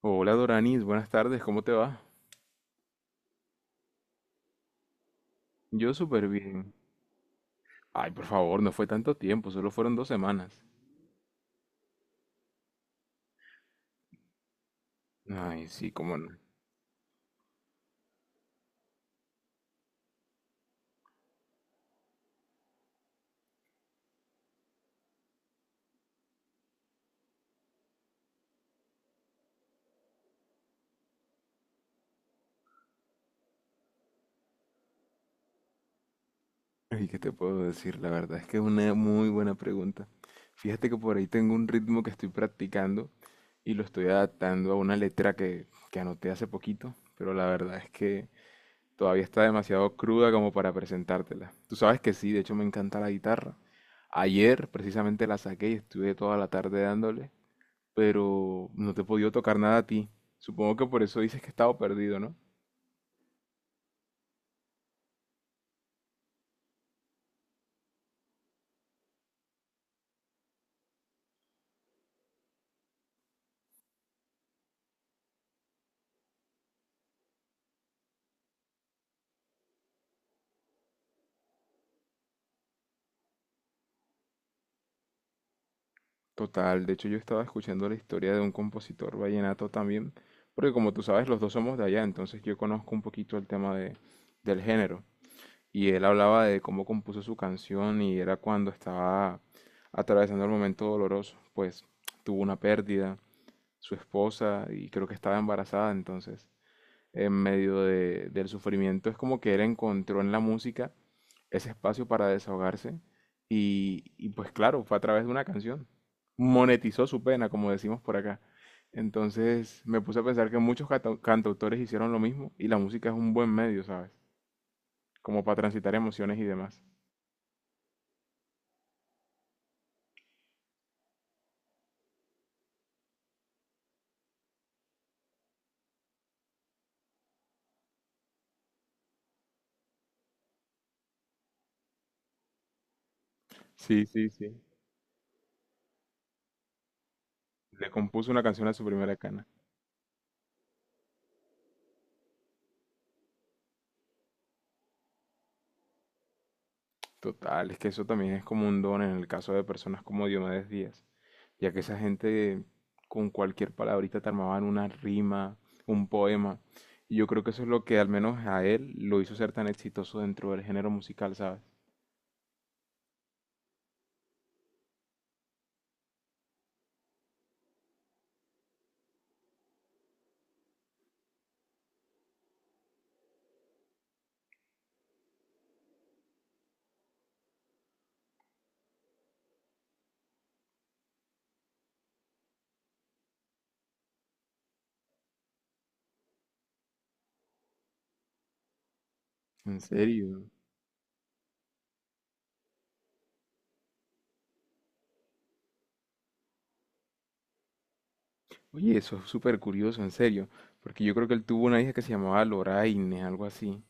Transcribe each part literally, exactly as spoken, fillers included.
Hola Doranis, buenas tardes, ¿cómo te va? Yo súper bien. Ay, por favor, no fue tanto tiempo, solo fueron dos semanas. Ay, sí, cómo no. ¿Y qué te puedo decir? La verdad es que es una muy buena pregunta. Fíjate que por ahí tengo un ritmo que estoy practicando y lo estoy adaptando a una letra que, que anoté hace poquito, pero la verdad es que todavía está demasiado cruda como para presentártela. Tú sabes que sí, de hecho me encanta la guitarra. Ayer precisamente la saqué y estuve toda la tarde dándole, pero no te he podido tocar nada a ti. Supongo que por eso dices que he estado perdido, ¿no? Total, de hecho yo estaba escuchando la historia de un compositor vallenato también, porque como tú sabes, los dos somos de allá, entonces yo conozco un poquito el tema de, del género. Y él hablaba de cómo compuso su canción y era cuando estaba atravesando el momento doloroso, pues tuvo una pérdida, su esposa, y creo que estaba embarazada, entonces en medio de, del sufrimiento es como que él encontró en la música ese espacio para desahogarse y, y pues claro, fue a través de una canción. Monetizó su pena, como decimos por acá. Entonces me puse a pensar que muchos canta- cantautores hicieron lo mismo y la música es un buen medio, ¿sabes? Como para transitar emociones y demás. Sí, sí, sí. Le compuso una canción a su primera cana. Total, es que eso también es como un don en el caso de personas como Diomedes Díaz, ya que esa gente con cualquier palabrita te armaban una rima, un poema. Y yo creo que eso es lo que al menos a él lo hizo ser tan exitoso dentro del género musical, ¿sabes? En serio. Oye, eso es súper curioso, en serio. Porque yo creo que él tuvo una hija que se llamaba Loraine, algo así.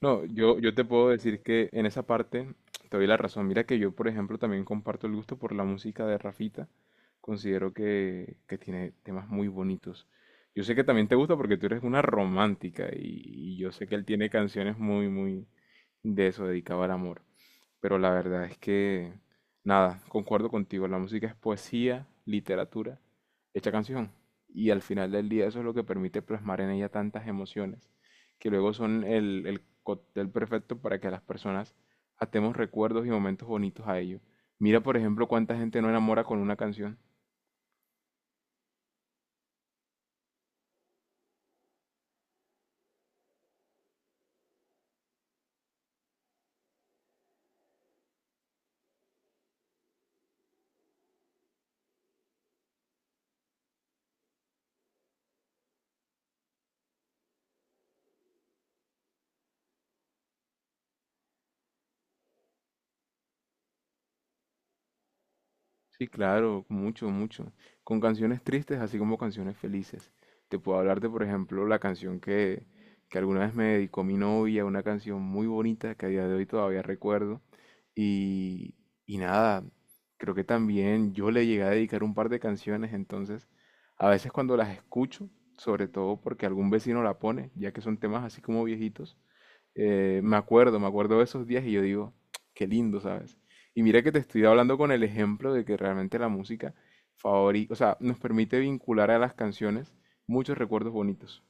No, yo, yo te puedo decir que en esa parte te doy la razón. Mira que yo, por ejemplo, también comparto el gusto por la música de Rafita. Considero que, que tiene temas muy bonitos. Yo sé que también te gusta porque tú eres una romántica y, y yo sé que él tiene canciones muy, muy de eso, dedicado al amor, pero la verdad es que, nada, concuerdo contigo, la música es poesía, literatura, hecha canción. Y al final del día eso es lo que permite plasmar en ella tantas emociones, que luego son el, el cóctel perfecto para que las personas atemos recuerdos y momentos bonitos a ello. Mira, por ejemplo, cuánta gente no enamora con una canción. Sí, claro, mucho, mucho. Con canciones tristes, así como canciones felices. Te puedo hablar de, por ejemplo, la canción que, que alguna vez me dedicó mi novia, una canción muy bonita que a día de hoy todavía recuerdo. Y, y nada, creo que también yo le llegué a dedicar un par de canciones, entonces a veces cuando las escucho, sobre todo porque algún vecino la pone, ya que son temas así como viejitos, eh, me acuerdo, me acuerdo de esos días y yo digo, qué lindo, ¿sabes? Y mira que te estoy hablando con el ejemplo de que realmente la música favori- o sea, nos permite vincular a las canciones muchos recuerdos bonitos.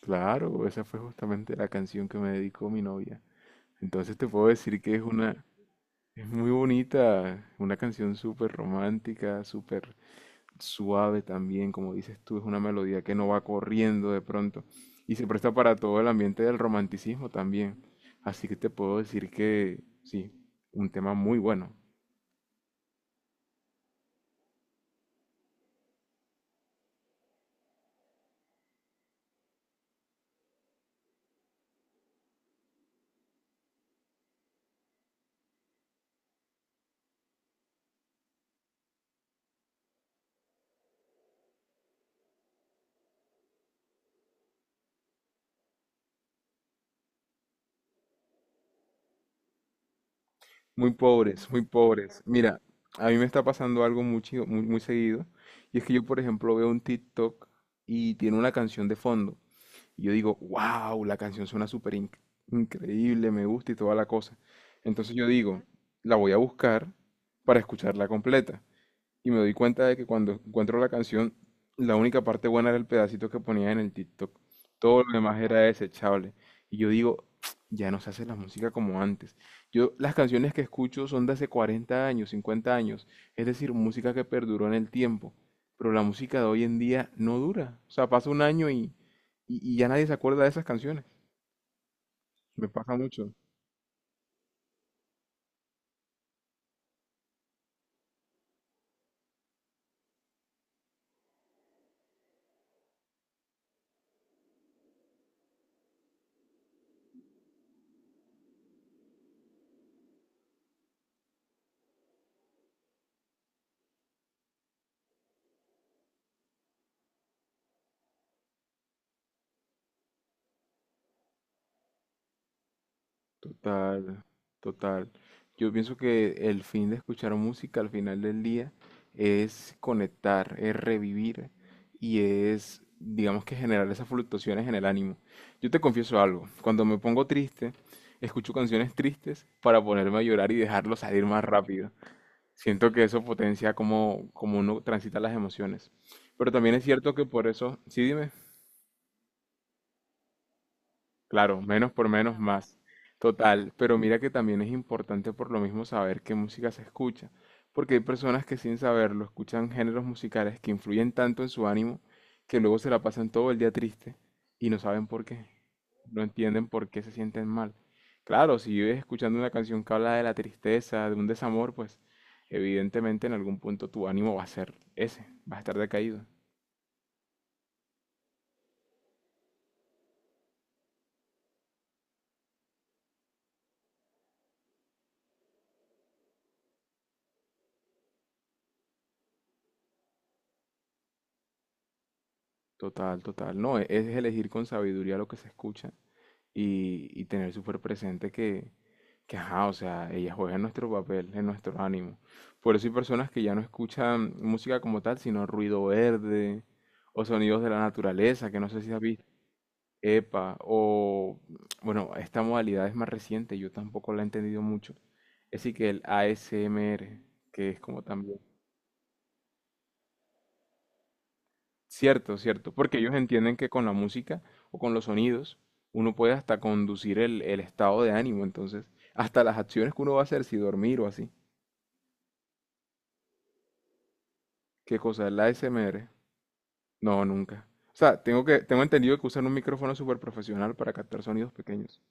Claro, esa fue justamente la canción que me dedicó mi novia. Entonces te puedo decir que es una, es muy bonita, una canción súper romántica, súper suave también, como dices tú, es una melodía que no va corriendo de pronto y se presta para todo el ambiente del romanticismo también. Así que te puedo decir que sí, un tema muy bueno. Muy pobres, muy pobres. Mira, a mí me está pasando algo muy, chido- muy, muy seguido y es que yo, por ejemplo, veo un TikTok y tiene una canción de fondo y yo digo, wow, la canción suena súper inc- increíble, me gusta y toda la cosa. Entonces yo digo, la voy a buscar para escucharla completa. Y me doy cuenta de que cuando encuentro la canción, la única parte buena era el pedacito que ponía en el TikTok. Todo lo demás era desechable. Y yo digo, ya no se hace la música como antes. Yo, las canciones que escucho son de hace cuarenta años, cincuenta años. Es decir, música que perduró en el tiempo. Pero la música de hoy en día no dura. O sea, pasa un año y, y, y ya nadie se acuerda de esas canciones. Me pasa mucho. Total, total. Yo pienso que el fin de escuchar música al final del día es conectar, es revivir y es, digamos, que generar esas fluctuaciones en el ánimo. Yo te confieso algo, cuando me pongo triste, escucho canciones tristes para ponerme a llorar y dejarlo salir más rápido. Siento que eso potencia cómo, cómo uno transita las emociones. Pero también es cierto que por eso, sí, dime. Claro, menos por menos, más. Total, pero mira que también es importante por lo mismo saber qué música se escucha, porque hay personas que sin saberlo escuchan géneros musicales que influyen tanto en su ánimo, que luego se la pasan todo el día triste y no saben por qué, no entienden por qué se sienten mal. Claro, si vives escuchando una canción que habla de la tristeza, de un desamor, pues evidentemente en algún punto tu ánimo va a ser ese, va a estar decaído. Total, total. No, es es elegir con sabiduría lo que se escucha y, y tener súper presente que, que, ajá, o sea, ella juega en nuestro papel, en nuestro ánimo. Por eso hay personas que ya no escuchan música como tal, sino ruido verde o sonidos de la naturaleza, que no sé si has visto. Epa, o bueno, esta modalidad es más reciente, yo tampoco la he entendido mucho. Así que el A S M R, que es como también. Cierto, cierto, porque ellos entienden que con la música o con los sonidos uno puede hasta conducir el, el estado de ánimo, entonces, hasta las acciones que uno va a hacer, si dormir o así. ¿Qué cosa es la A S M R? No, nunca. O sea, tengo que, tengo entendido que usan un micrófono súper profesional para captar sonidos pequeños.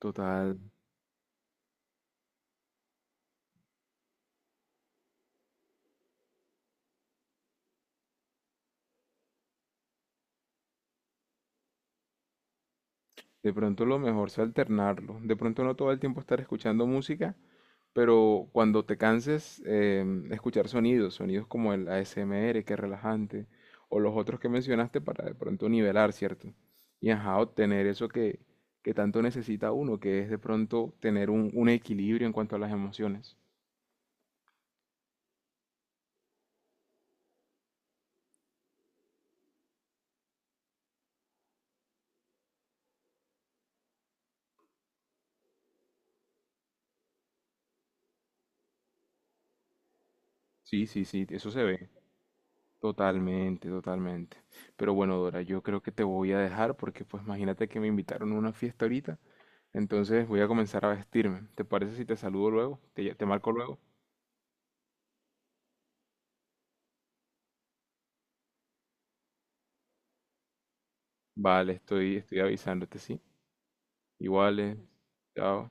Total. De pronto lo mejor es alternarlo. De pronto no todo el tiempo estar escuchando música. Pero cuando te canses, em, escuchar sonidos, sonidos como el A S M R, que es relajante, o los otros que mencionaste para de pronto nivelar, ¿cierto? Y ajá, obtener eso que, que tanto necesita uno, que es de pronto tener un, un, equilibrio en cuanto a las emociones. Sí, sí, sí, eso se ve. Totalmente, totalmente. Pero bueno, Dora, yo creo que te voy a dejar porque pues imagínate que me invitaron a una fiesta ahorita, entonces voy a comenzar a vestirme. ¿Te parece si te saludo luego? ¿Te, te marco luego? Vale, estoy, estoy avisándote, ¿sí? Iguales, chao.